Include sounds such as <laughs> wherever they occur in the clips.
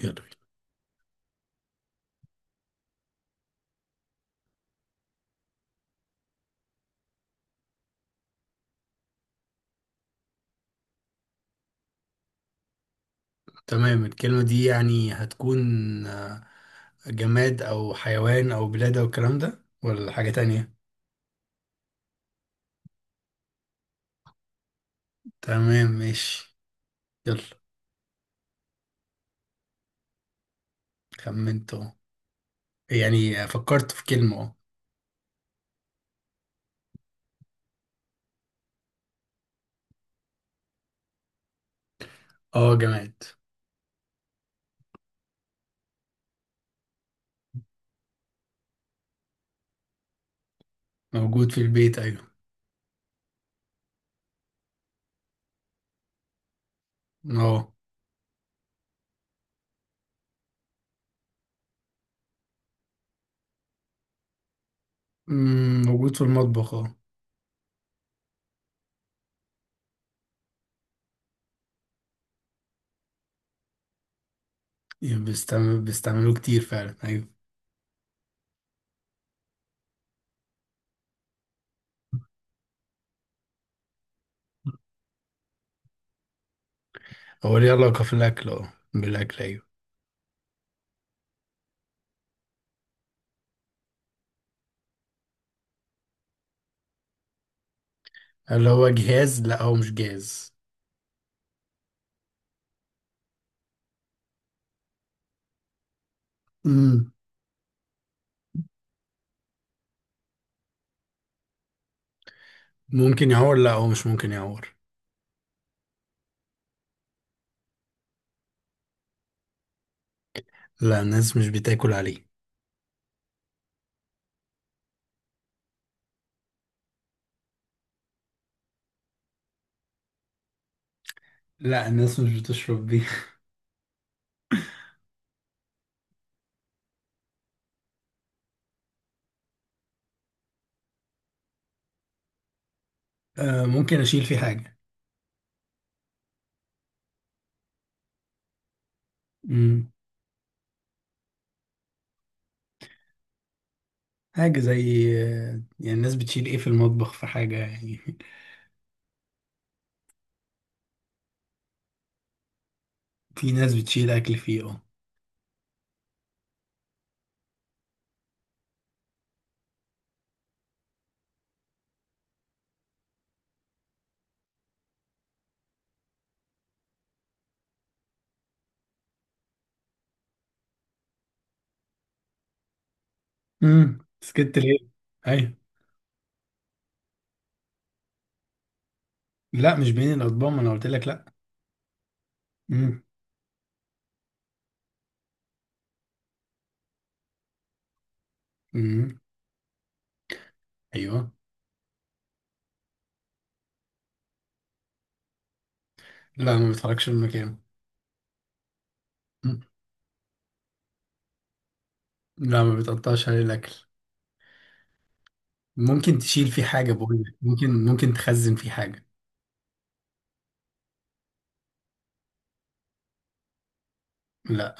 يلا بينا. تمام الكلمة دي يعني هتكون آه، جماد أو حيوان أو بلاد أو الكلام ده ولا حاجة تانية. تمام ماشي. يلا. خمنت أهو، يعني فكرت في كلمة. أهو أه، جماد موجود في البيت، أيوه أه. موجود في المطبخ أه. بيستعملوه كتير فعلا، أيوه. هو ليه علاقة في الأكل، بالأكل، أيوه. هل هو جهاز؟ لأ، هو مش جهاز. مم، ممكن يعور؟ لأ، هو مش ممكن يعور. لا، الناس مش بتاكل عليه. لا، الناس مش بتشرب بيه. <laughs> ممكن اشيل فيه حاجة. مم. حاجة زي يعني الناس بتشيل ايه في المطبخ، في حاجة يعني. <laughs> في ناس بتشيل اكل فيه، اه. سكت ليه. ايوه. لا، مش بين الاطباق، ما انا قلت لك لا. امم. امم. ايوه. لا، ما بيتحركش من مكانه. مم. لا، ما بيتقطعش عليه الاكل. ممكن تشيل فيه حاجة، بقول لك ممكن، ممكن تخزن فيه حاجة. لا،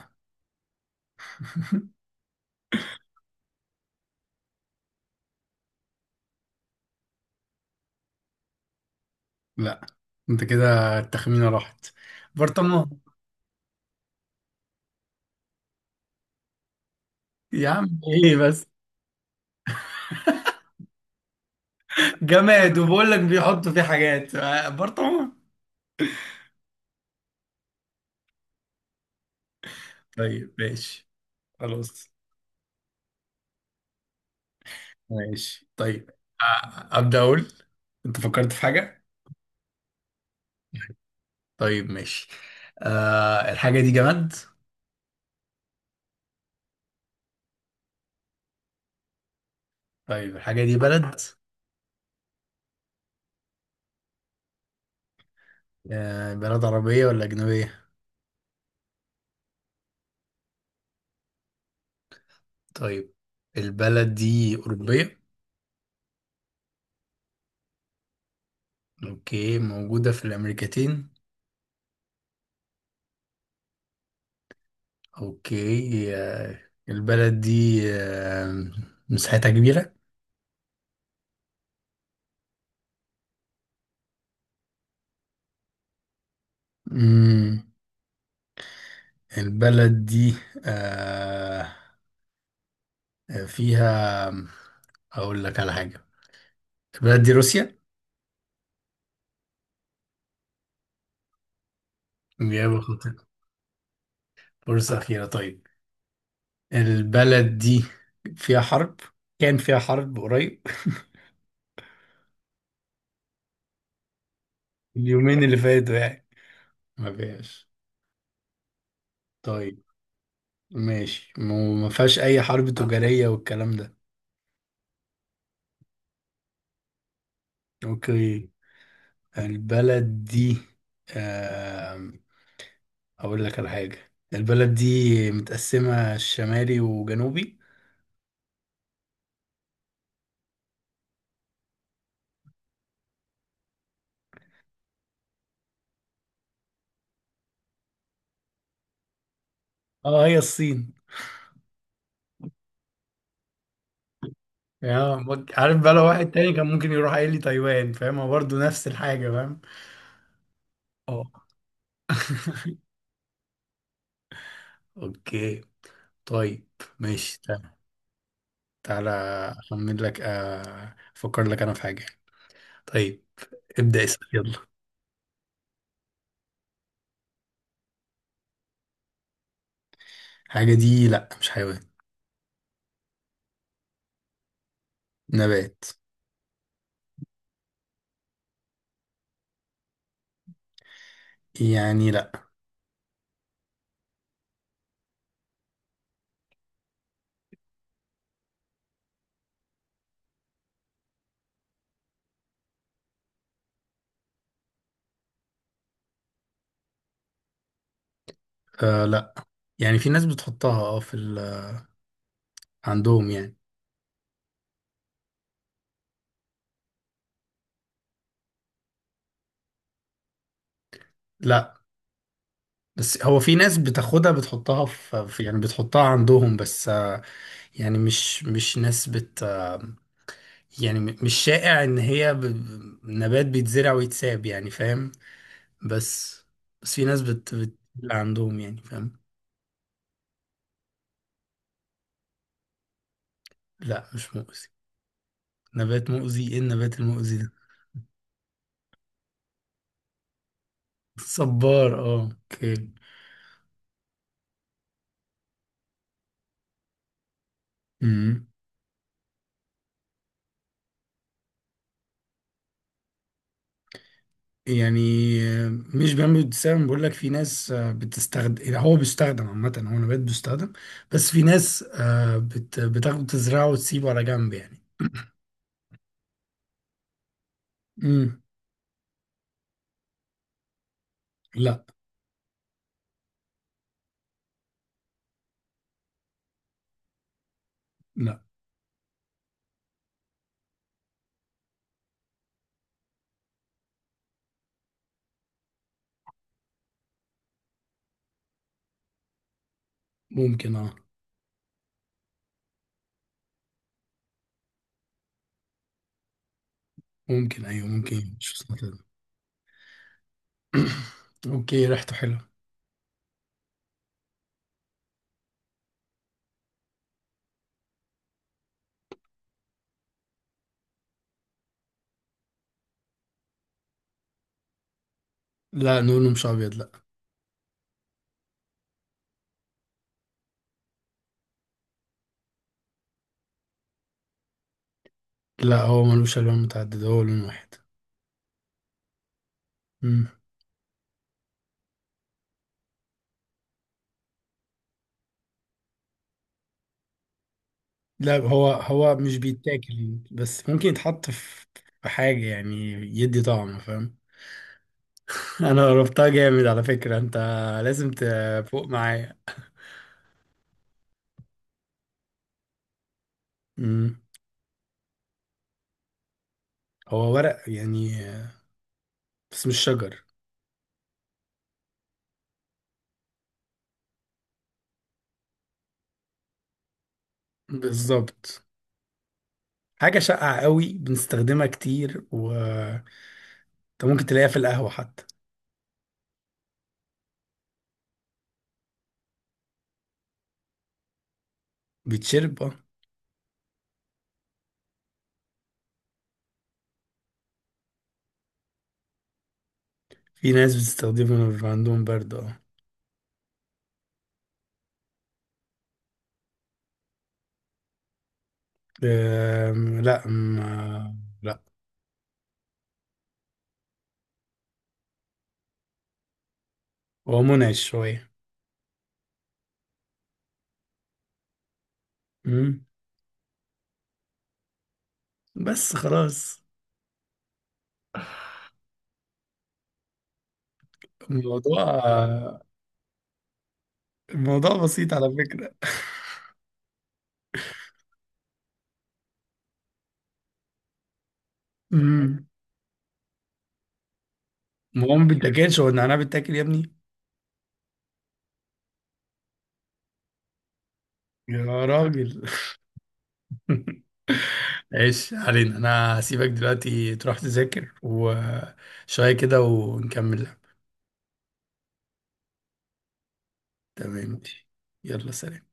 لا. انت كده التخمينة راحت. برطمان. يا عم، ايه بس. جماد وبقول لك بيحطوا فيه حاجات، برطمان. طيب ماشي، خلاص. ماشي طيب. أ- أبدأ أقول. أنت فكرت في حاجة؟ طيب ماشي. أه، الحاجة دي جماد؟ طيب، الحاجة دي بلد؟ أه، بلد عربية ولا أجنبية؟ طيب، البلد دي أوروبية؟ أوكي، موجودة في الأمريكتين؟ أوكي، البلد دي مساحتها كبيرة؟ مم. البلد دي آه آه، فيها أقول لك على حاجة. البلد دي روسيا. إجابة خاطئة. فرصة أخيرة، طيب. البلد دي فيها حرب، كان فيها حرب قريب. <laughs> اليومين اللي فاتوا يعني، ما فيهاش. طيب ماشي، ما فيهاش أي حرب تجارية والكلام ده. أوكي. البلد دي آم، أقول لك على حاجة، البلد دي متقسمة شمالي وجنوبي. اه، هي الصين. عارف بقى، لو واحد تاني كان ممكن يروح قايل لي تايوان، فاهم؟ هو برضه نفس الحاجة، فاهم. اه. <laughs> اوكي. طيب ماشي. تعالى تعالى. اخمن لك آه، افكر لك انا في حاجة. طيب ابدأ اسأل، يلا. الحاجة دي لا، مش حيوان. نبات. يعني لا. آه، لا. يعني في ناس بتحطها اه في ال... عندهم يعني. لا، بس هو في ناس بتاخدها، بتحطها يعني بتحطها عندهم، بس يعني مش ناس بت آه، يعني مش شائع ان هي نبات بيتزرع ويتساب يعني فاهم. بس بس في ناس عندهم يعني فاهم. لا، مش مؤذي. نبات مؤذي، ايه النبات المؤذي ده؟ صبار، اه. اوكي. امم يعني مش بامبي، بتستخدم بقول لك، في ناس بتستخدم، هو بيستخدم عامة، هو نبات بيستخدم. بس في ناس بتاخده تزرعه وتسيبه على جنب يعني. امم. لا، لا. ممكن اه. ممكن ايوه، ممكن مش. <coughs> <clears throat> اوكي ريحته حلوة. لا، لونه مش ابيض، لا. لا، هو ملوش الوان متعددة، هو لون واحد. مم. لا، هو مش بيتاكل يعني، بس ممكن يتحط في حاجة يعني، يدي طعم فاهم. <laughs> انا قربتها جامد على فكرة، انت لازم تفوق معايا. مم. هو ورق يعني، بس مش شجر. بالظبط. حاجة شائعة قوي بنستخدمها كتير، و انت ممكن تلاقيها في القهوة حتى. بتشرب اه. في ناس بتستخدمه لما بيبقى عندهم برد، اه. لا ما، لا. هو منعش شوية. أمم، بس خلاص. الموضوع الموضوع بسيط على فكرة. أمم، ما هو ما بيتاكلش، هو النعناع بيتاكل يا ابني. يا راجل. <laughs> ايش علينا، انا هسيبك دلوقتي تروح تذاكر وشوية كده ونكمل. تمام. يلا سلام.